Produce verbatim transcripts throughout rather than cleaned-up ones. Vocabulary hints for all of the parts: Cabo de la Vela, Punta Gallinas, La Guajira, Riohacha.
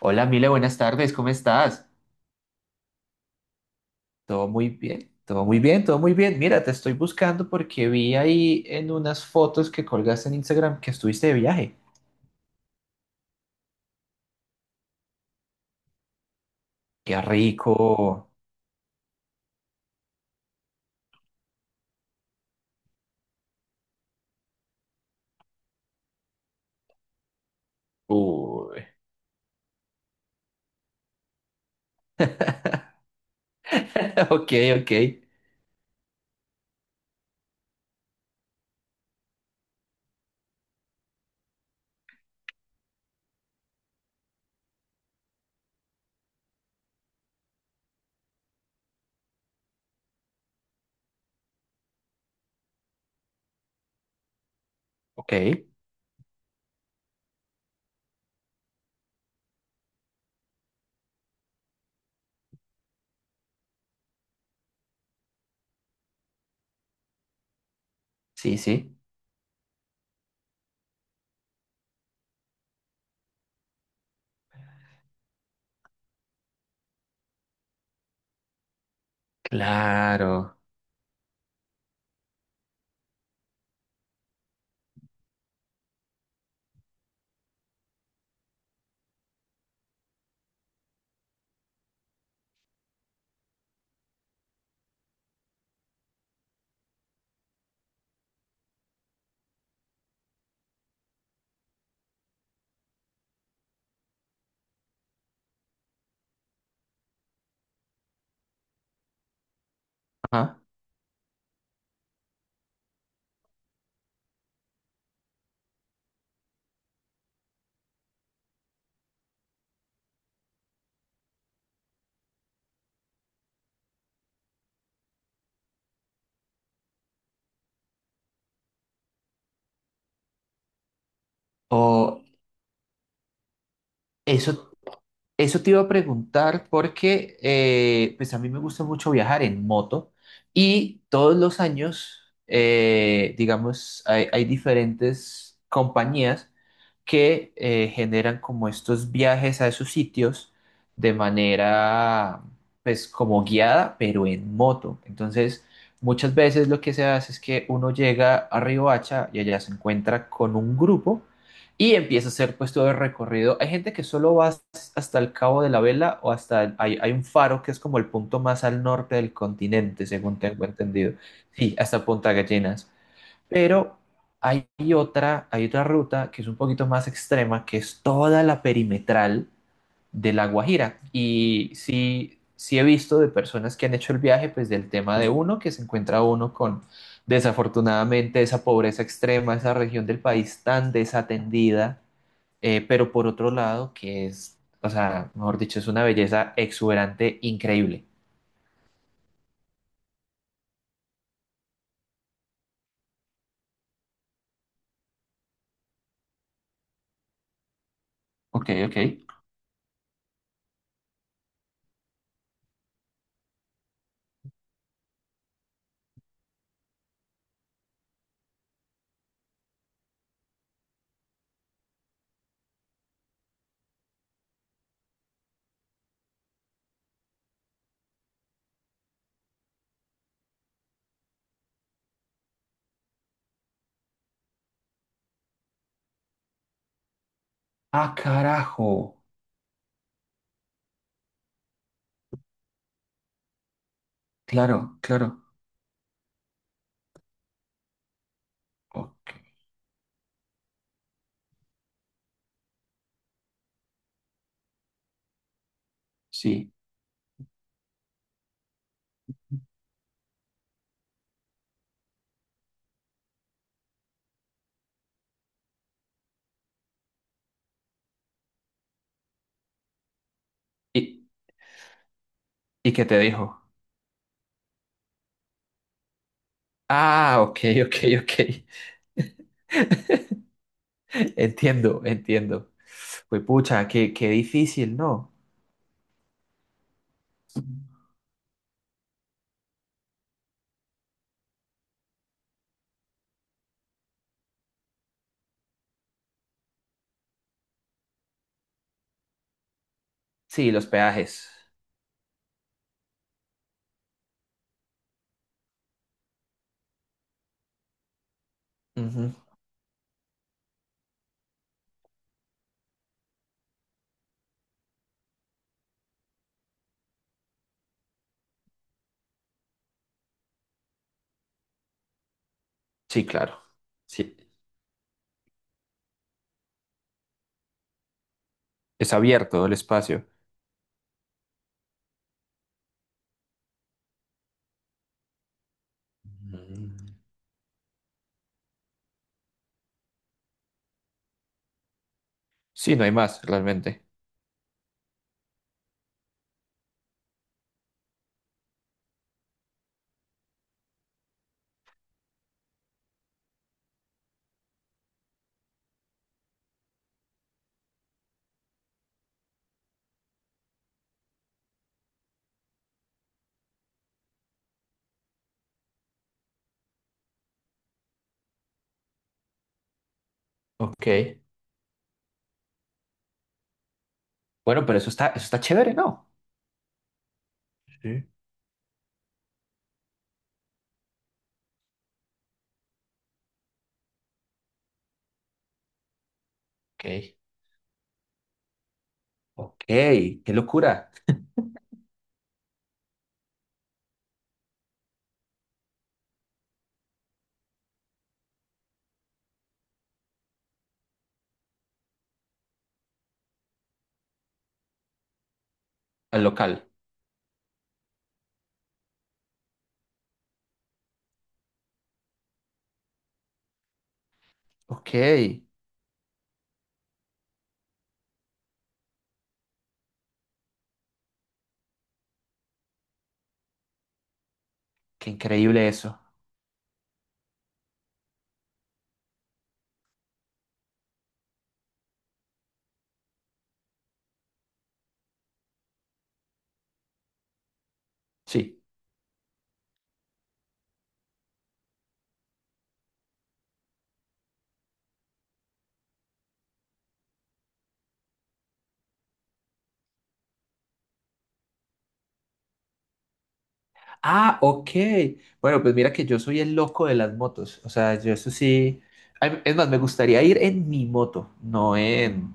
Hola, Mile, buenas tardes, ¿cómo estás? Todo muy bien, todo muy bien, todo muy bien. Mira, te estoy buscando porque vi ahí en unas fotos que colgaste en Instagram que estuviste de viaje. Qué rico. Uy. Ok, ok, ok. Sí, sí. Claro. Ajá. O eso, Eso te iba a preguntar porque eh, pues a mí me gusta mucho viajar en moto y todos los años, eh, digamos, hay, hay diferentes compañías que eh, generan como estos viajes a esos sitios de manera, pues como guiada, pero en moto. Entonces, muchas veces lo que se hace es que uno llega a Riohacha y allá se encuentra con un grupo y empieza a hacer pues todo el recorrido. Hay gente que solo va hasta el Cabo de la Vela o hasta, el- hay, hay un faro que es como el punto más al norte del continente, según tengo entendido. Sí, hasta Punta Gallinas. Pero hay otra, hay otra ruta que es un poquito más extrema, que es toda la perimetral de La Guajira. Y sí, sí he visto de personas que han hecho el viaje, pues del tema de uno, que se encuentra uno con desafortunadamente esa pobreza extrema, esa región del país tan desatendida, eh, pero por otro lado, que es, o sea, mejor dicho, es una belleza exuberante, increíble. Ok, ok. Ah, carajo. Claro, claro. Ok, sí. ¿Y, y qué te dijo? Ah, ok, ok, ok. Entiendo, entiendo. Pues pucha, qué, qué difícil, ¿no? Sí, los peajes. Ujú. Sí, claro. Sí, es abierto el espacio. Mm. Sí, no hay más, realmente. Ok. Bueno, pero eso está, eso está chévere, ¿no? Sí. Ok. Ok, qué locura. El local. Ok, qué increíble eso. Sí. Ah, ok. Bueno, pues mira que yo soy el loco de las motos. O sea, yo eso sí. Ay, es más, me gustaría ir en mi moto, no en,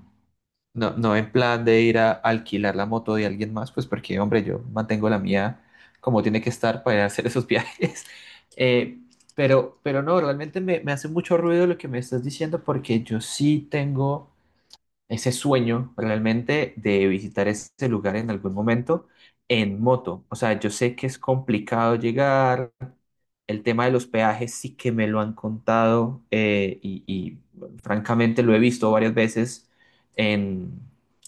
no, no en plan de ir a alquilar la moto de alguien más, pues porque, hombre, yo mantengo la mía como tiene que estar para ir a hacer esos viajes. Eh, pero, pero no, realmente me, me hace mucho ruido lo que me estás diciendo porque yo sí tengo ese sueño realmente de visitar ese lugar en algún momento en moto. O sea, yo sé que es complicado llegar, el tema de los peajes sí que me lo han contado eh, y, y, francamente lo he visto varias veces en,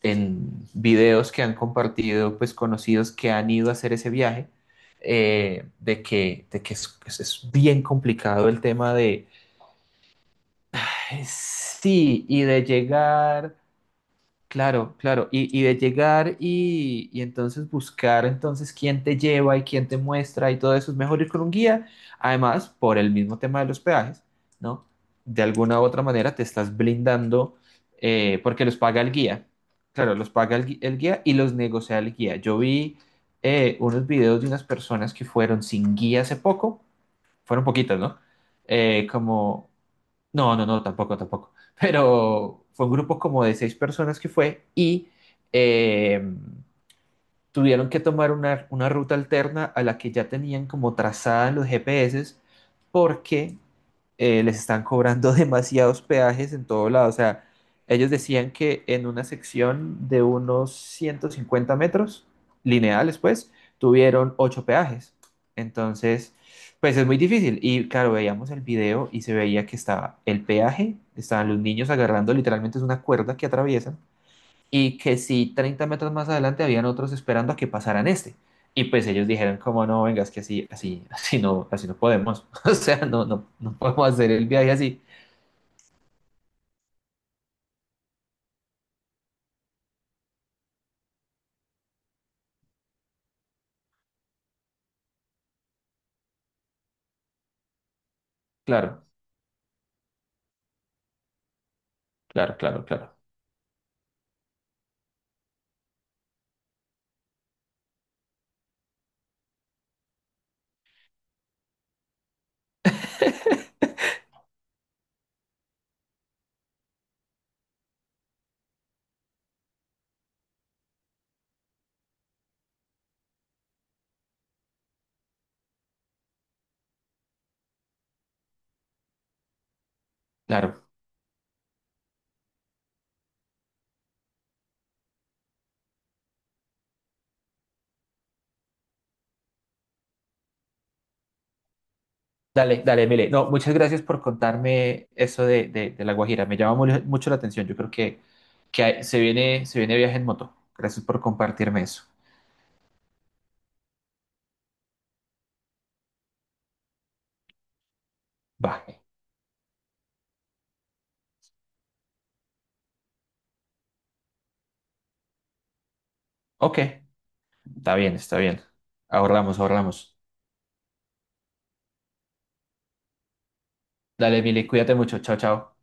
en videos que han compartido pues conocidos que han ido a hacer ese viaje. eh, de que, de que es, pues, es bien complicado el tema de sí y de llegar. Claro, claro. Y, y de llegar y, y entonces buscar entonces quién te lleva y quién te muestra y todo eso, es mejor ir con un guía. Además, por el mismo tema de los peajes, ¿no? De alguna u otra manera te estás blindando eh, porque los paga el guía. Claro, los paga el, gui- el guía y los negocia el guía. Yo vi eh, unos videos de unas personas que fueron sin guía hace poco, fueron poquitas, ¿no? Eh, como no, no, no, tampoco, tampoco. Pero fue un grupo como de seis personas que fue y eh, tuvieron que tomar una, una ruta alterna a la que ya tenían como trazada en los G P S porque, eh, les están cobrando demasiados peajes en todo lado. O sea, ellos decían que en una sección de unos ciento cincuenta metros lineales, pues, tuvieron ocho peajes. Entonces, pues es muy difícil. Y claro, veíamos el video y se veía que estaba el peaje, estaban los niños agarrando literalmente es una cuerda que atraviesan y que si treinta metros más adelante habían otros esperando a que pasaran este. Y pues ellos dijeron, como no, venga, es que así, así, así no, así no podemos. O sea, no, no, no podemos hacer el viaje así. Claro, claro, claro, claro, claro. Dale, dale, Emile. No, muchas gracias por contarme eso de, de, de La Guajira. Me llama mu- mucho la atención. Yo creo que, que hay- se viene, se viene viaje en moto. Gracias por compartirme eso. Va. Ok, está bien, está bien. Ahorramos, ahorramos. Dale, Emile, cuídate mucho. Chao, chao.